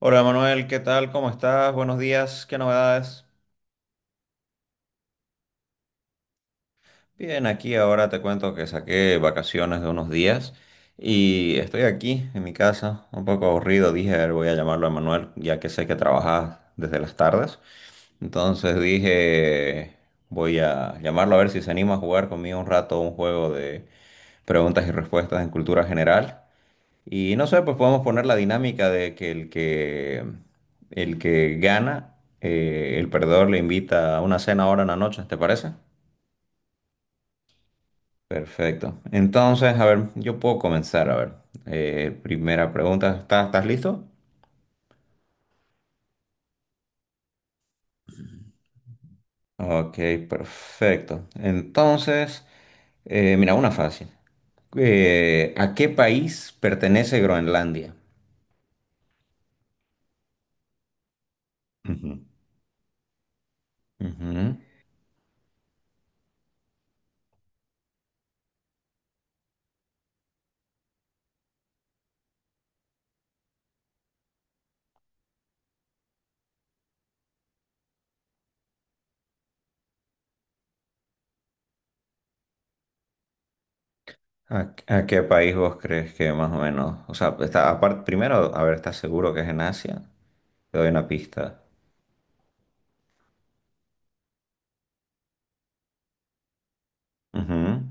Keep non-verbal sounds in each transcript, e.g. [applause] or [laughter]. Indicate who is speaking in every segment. Speaker 1: Hola Manuel, ¿qué tal? ¿Cómo estás? Buenos días, ¿qué novedades? Bien, aquí ahora te cuento que saqué vacaciones de unos días y estoy aquí en mi casa, un poco aburrido. Dije, a ver, voy a llamarlo a Manuel, ya que sé que trabajas desde las tardes. Entonces dije, voy a llamarlo a ver si se anima a jugar conmigo un rato un juego de preguntas y respuestas en cultura general. Y no sé, pues podemos poner la dinámica de que el que gana, el perdedor le invita a una cena ahora en la noche, ¿te parece? Perfecto. Entonces, a ver, yo puedo comenzar, a ver. Primera pregunta, ¿estás listo? Ok, perfecto. Entonces, mira, una fácil. ¿A qué país pertenece Groenlandia? Ujú. Ujú. ¿A qué país vos crees que más o menos? O sea, está, aparte, primero, a ver, ¿estás seguro que es en Asia? Te doy una pista. Ujú,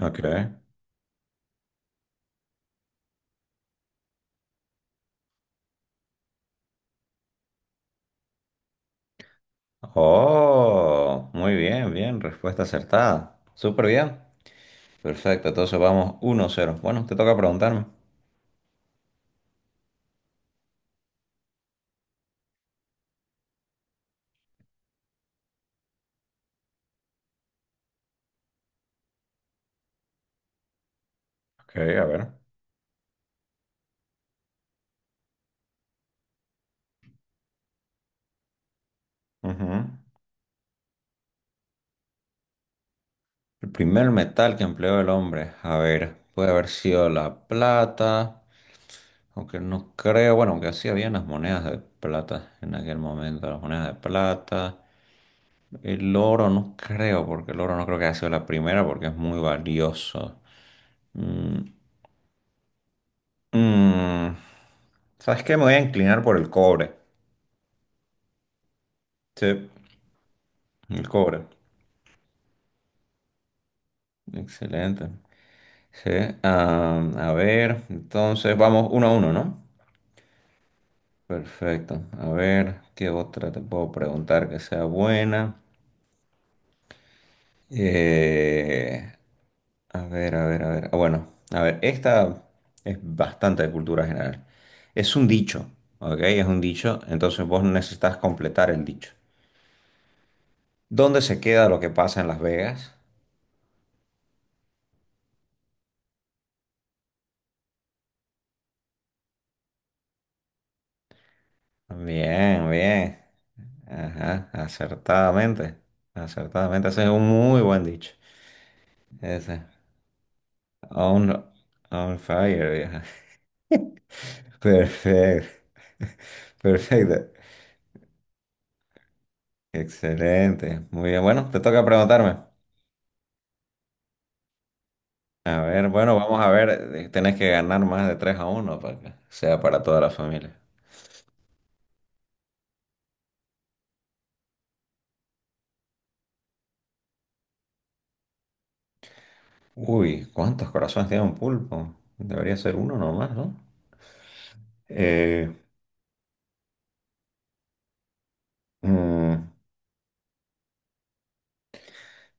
Speaker 1: ok. Oh, muy bien, bien, respuesta acertada. Súper bien. Perfecto, entonces vamos 1-0. Bueno, te toca preguntarme. Ok, a ver. Ujú. El primer metal que empleó el hombre, a ver, puede haber sido la plata, aunque no creo, bueno, aunque sí habían las monedas de plata en aquel momento, las monedas de plata. El oro no creo, porque el oro no creo que haya sido la primera, porque es muy valioso. Mm, mm, ¿Sabes qué? Me voy a inclinar por el cobre. Sí, el cobre. Excelente. Sí, ah, a ver, entonces vamos 1-1, ¿no? Perfecto. A ver, ¿qué otra te puedo preguntar que sea buena? Eh, a ver, a ver, a ver. Ah, bueno, a ver, esta es bastante de cultura general. Es un dicho, ¿ok? Es un dicho, entonces vos necesitas completar el dicho. ¿Dónde se queda lo que pasa en Las Vegas? Bien, bien. Ajá, acertadamente. Acertadamente, ese es un muy buen dicho. Ese. On, on fire, vieja. Perfecto. [laughs] Perfecto. Excelente. Muy bien. Bueno, te toca preguntarme. A ver, bueno, vamos a ver. Tenés que ganar más de 3-1 para que sea para toda la familia. Uy, ¿cuántos corazones tiene un pulpo? Debería ser uno nomás, ¿no? Eh, mm,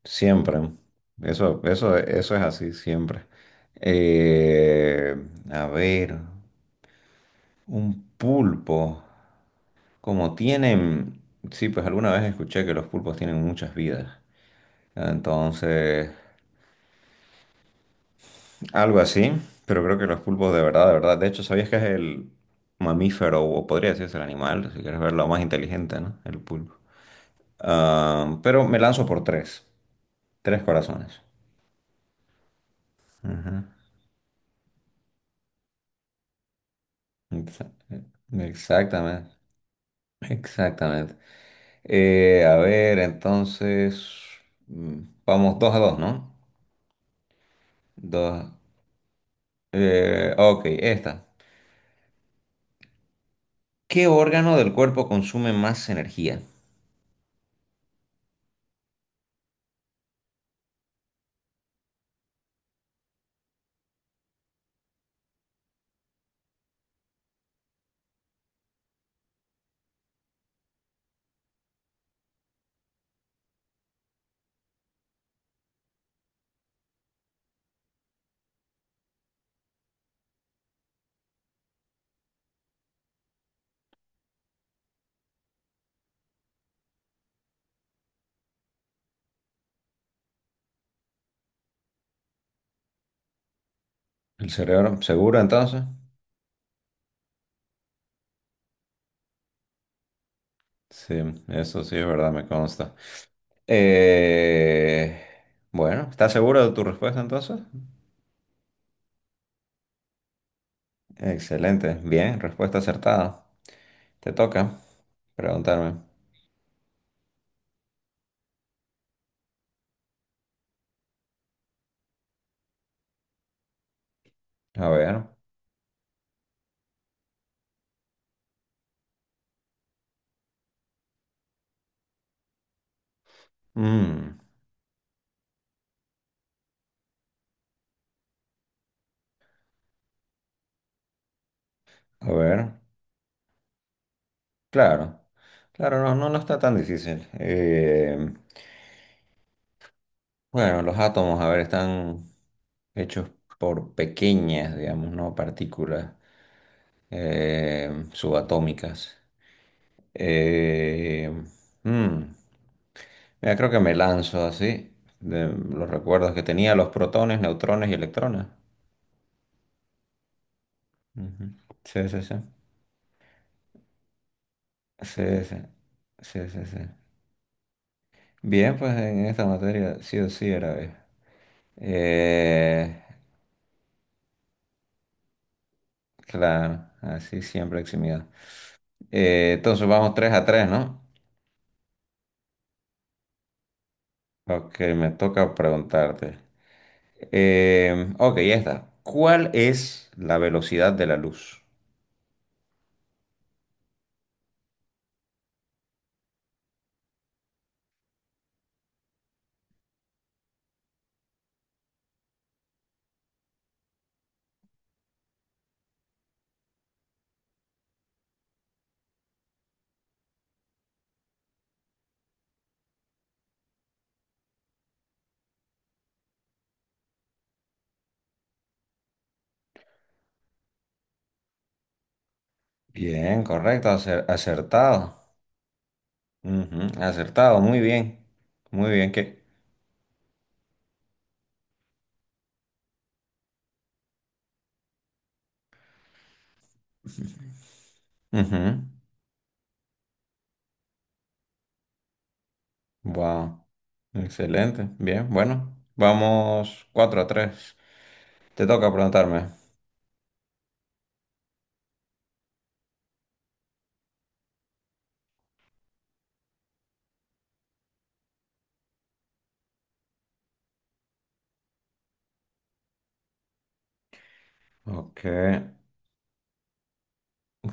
Speaker 1: Siempre. Eso es así, siempre. Eh, a ver, un pulpo. Como tienen, sí, pues alguna vez escuché que los pulpos tienen muchas vidas. Entonces, algo así, pero creo que los pulpos de verdad, de verdad, de hecho, ¿sabías que es el mamífero o podría decirse el animal, si quieres verlo más inteligente, ¿no? El pulpo. Ah, pero me lanzo por tres corazones. Ujú. Exa- Exactamente, exactamente. A ver, entonces, mm, vamos 2-2, ¿no? Dos. Ok, esta. ¿Qué órgano del cuerpo consume más energía? ¿El cerebro? ¿Seguro entonces? Sí, eso sí es verdad, me consta. Eh, bueno, ¿estás seguro de tu respuesta entonces? Excelente, bien, respuesta acertada. Te toca preguntarme. A ver. mm, a ver. Claro. Claro, no, no, no está tan difícil. Bueno, los átomos, a ver, están hechos por pequeñas, digamos, no partículas, subatómicas. Eh, mm, Mira, creo que me lanzo así, de los recuerdos que tenía, los protones, neutrones y electrones. Ujú. Sí, sí, sí. Sí, sí. Sí, sí, sí. Bien, pues en esta materia sí o sí era B. Eh, claro, así siempre eximido. Entonces vamos 3-3, ¿no? Ok, me toca preguntarte. Ok, ya está. ¿Cuál es la velocidad de la luz? Bien, correcto, acertado. Ujú, acertado, muy bien. Muy bien, ¿qué? Ujú. Wow. Excelente. Bien, bueno. Vamos 4-3. Te toca preguntarme. Ok.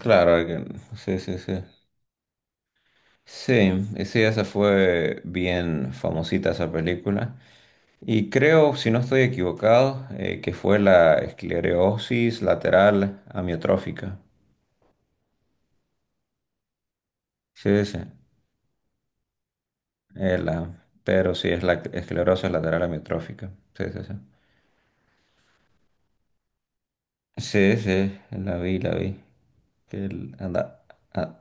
Speaker 1: Claro, sí, sí, sí. Sí, y sí, esa fue bien famosita esa película. Y creo, si no estoy equivocado, que fue la esclerosis lateral amiotrófica. Sí, sí, sí. Pero sí, es la esclerosis lateral amiotrófica. Sí, sí, sí. Sí, sí, la vi, la vi. Que él anda, ah,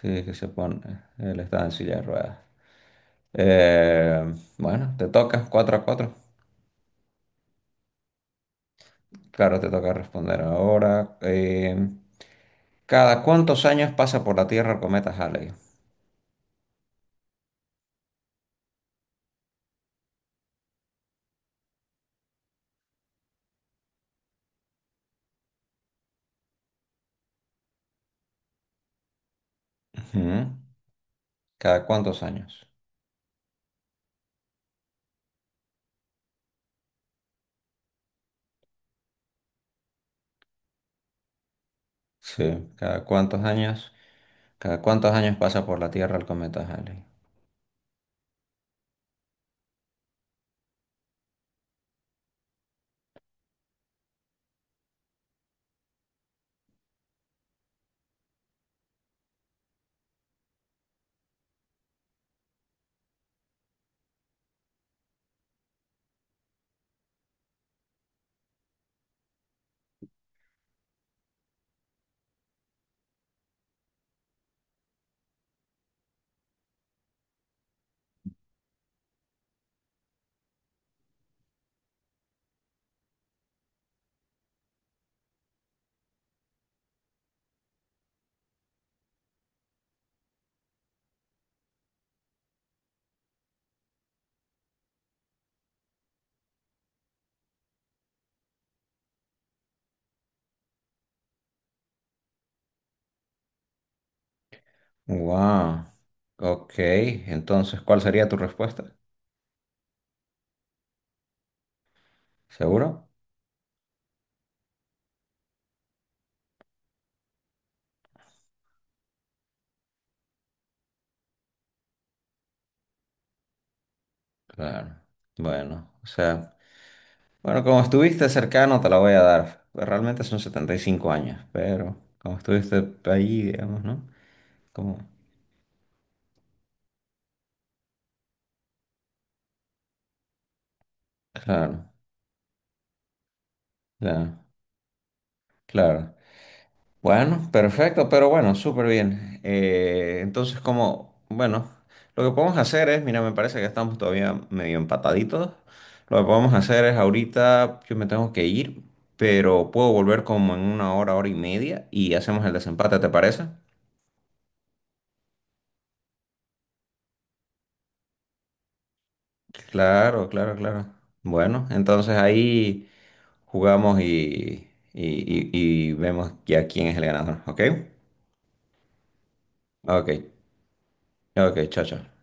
Speaker 1: sí, que se pone, él está en silla de ruedas. Bueno, te toca 4-4. Claro, te toca responder ahora. ¿Cada cuántos años pasa por la Tierra el cometa Halley? Ujú. ¿Cada cuántos años? Sí, ¿cada cuántos años? ¿Cada cuántos años pasa por la Tierra el cometa Halley? Wow. Ok, entonces, ¿cuál sería tu respuesta? ¿Seguro? Claro. Bueno, o sea, bueno, como estuviste cercano, te la voy a dar. Realmente son 75 años, pero como estuviste ahí, digamos, ¿no? Como, claro, ya, claro. Bueno, perfecto, pero bueno, súper bien. Entonces, como, bueno, lo que podemos hacer es, mira, me parece que estamos todavía medio empataditos. Lo que podemos hacer es ahorita, yo me tengo que ir, pero puedo volver como en una hora, hora y media y hacemos el desempate, ¿te parece? Claro, claro, claro. Bueno, entonces ahí jugamos y vemos ya quién es el ganador, ¿ok? Ok, ok, chao, chao.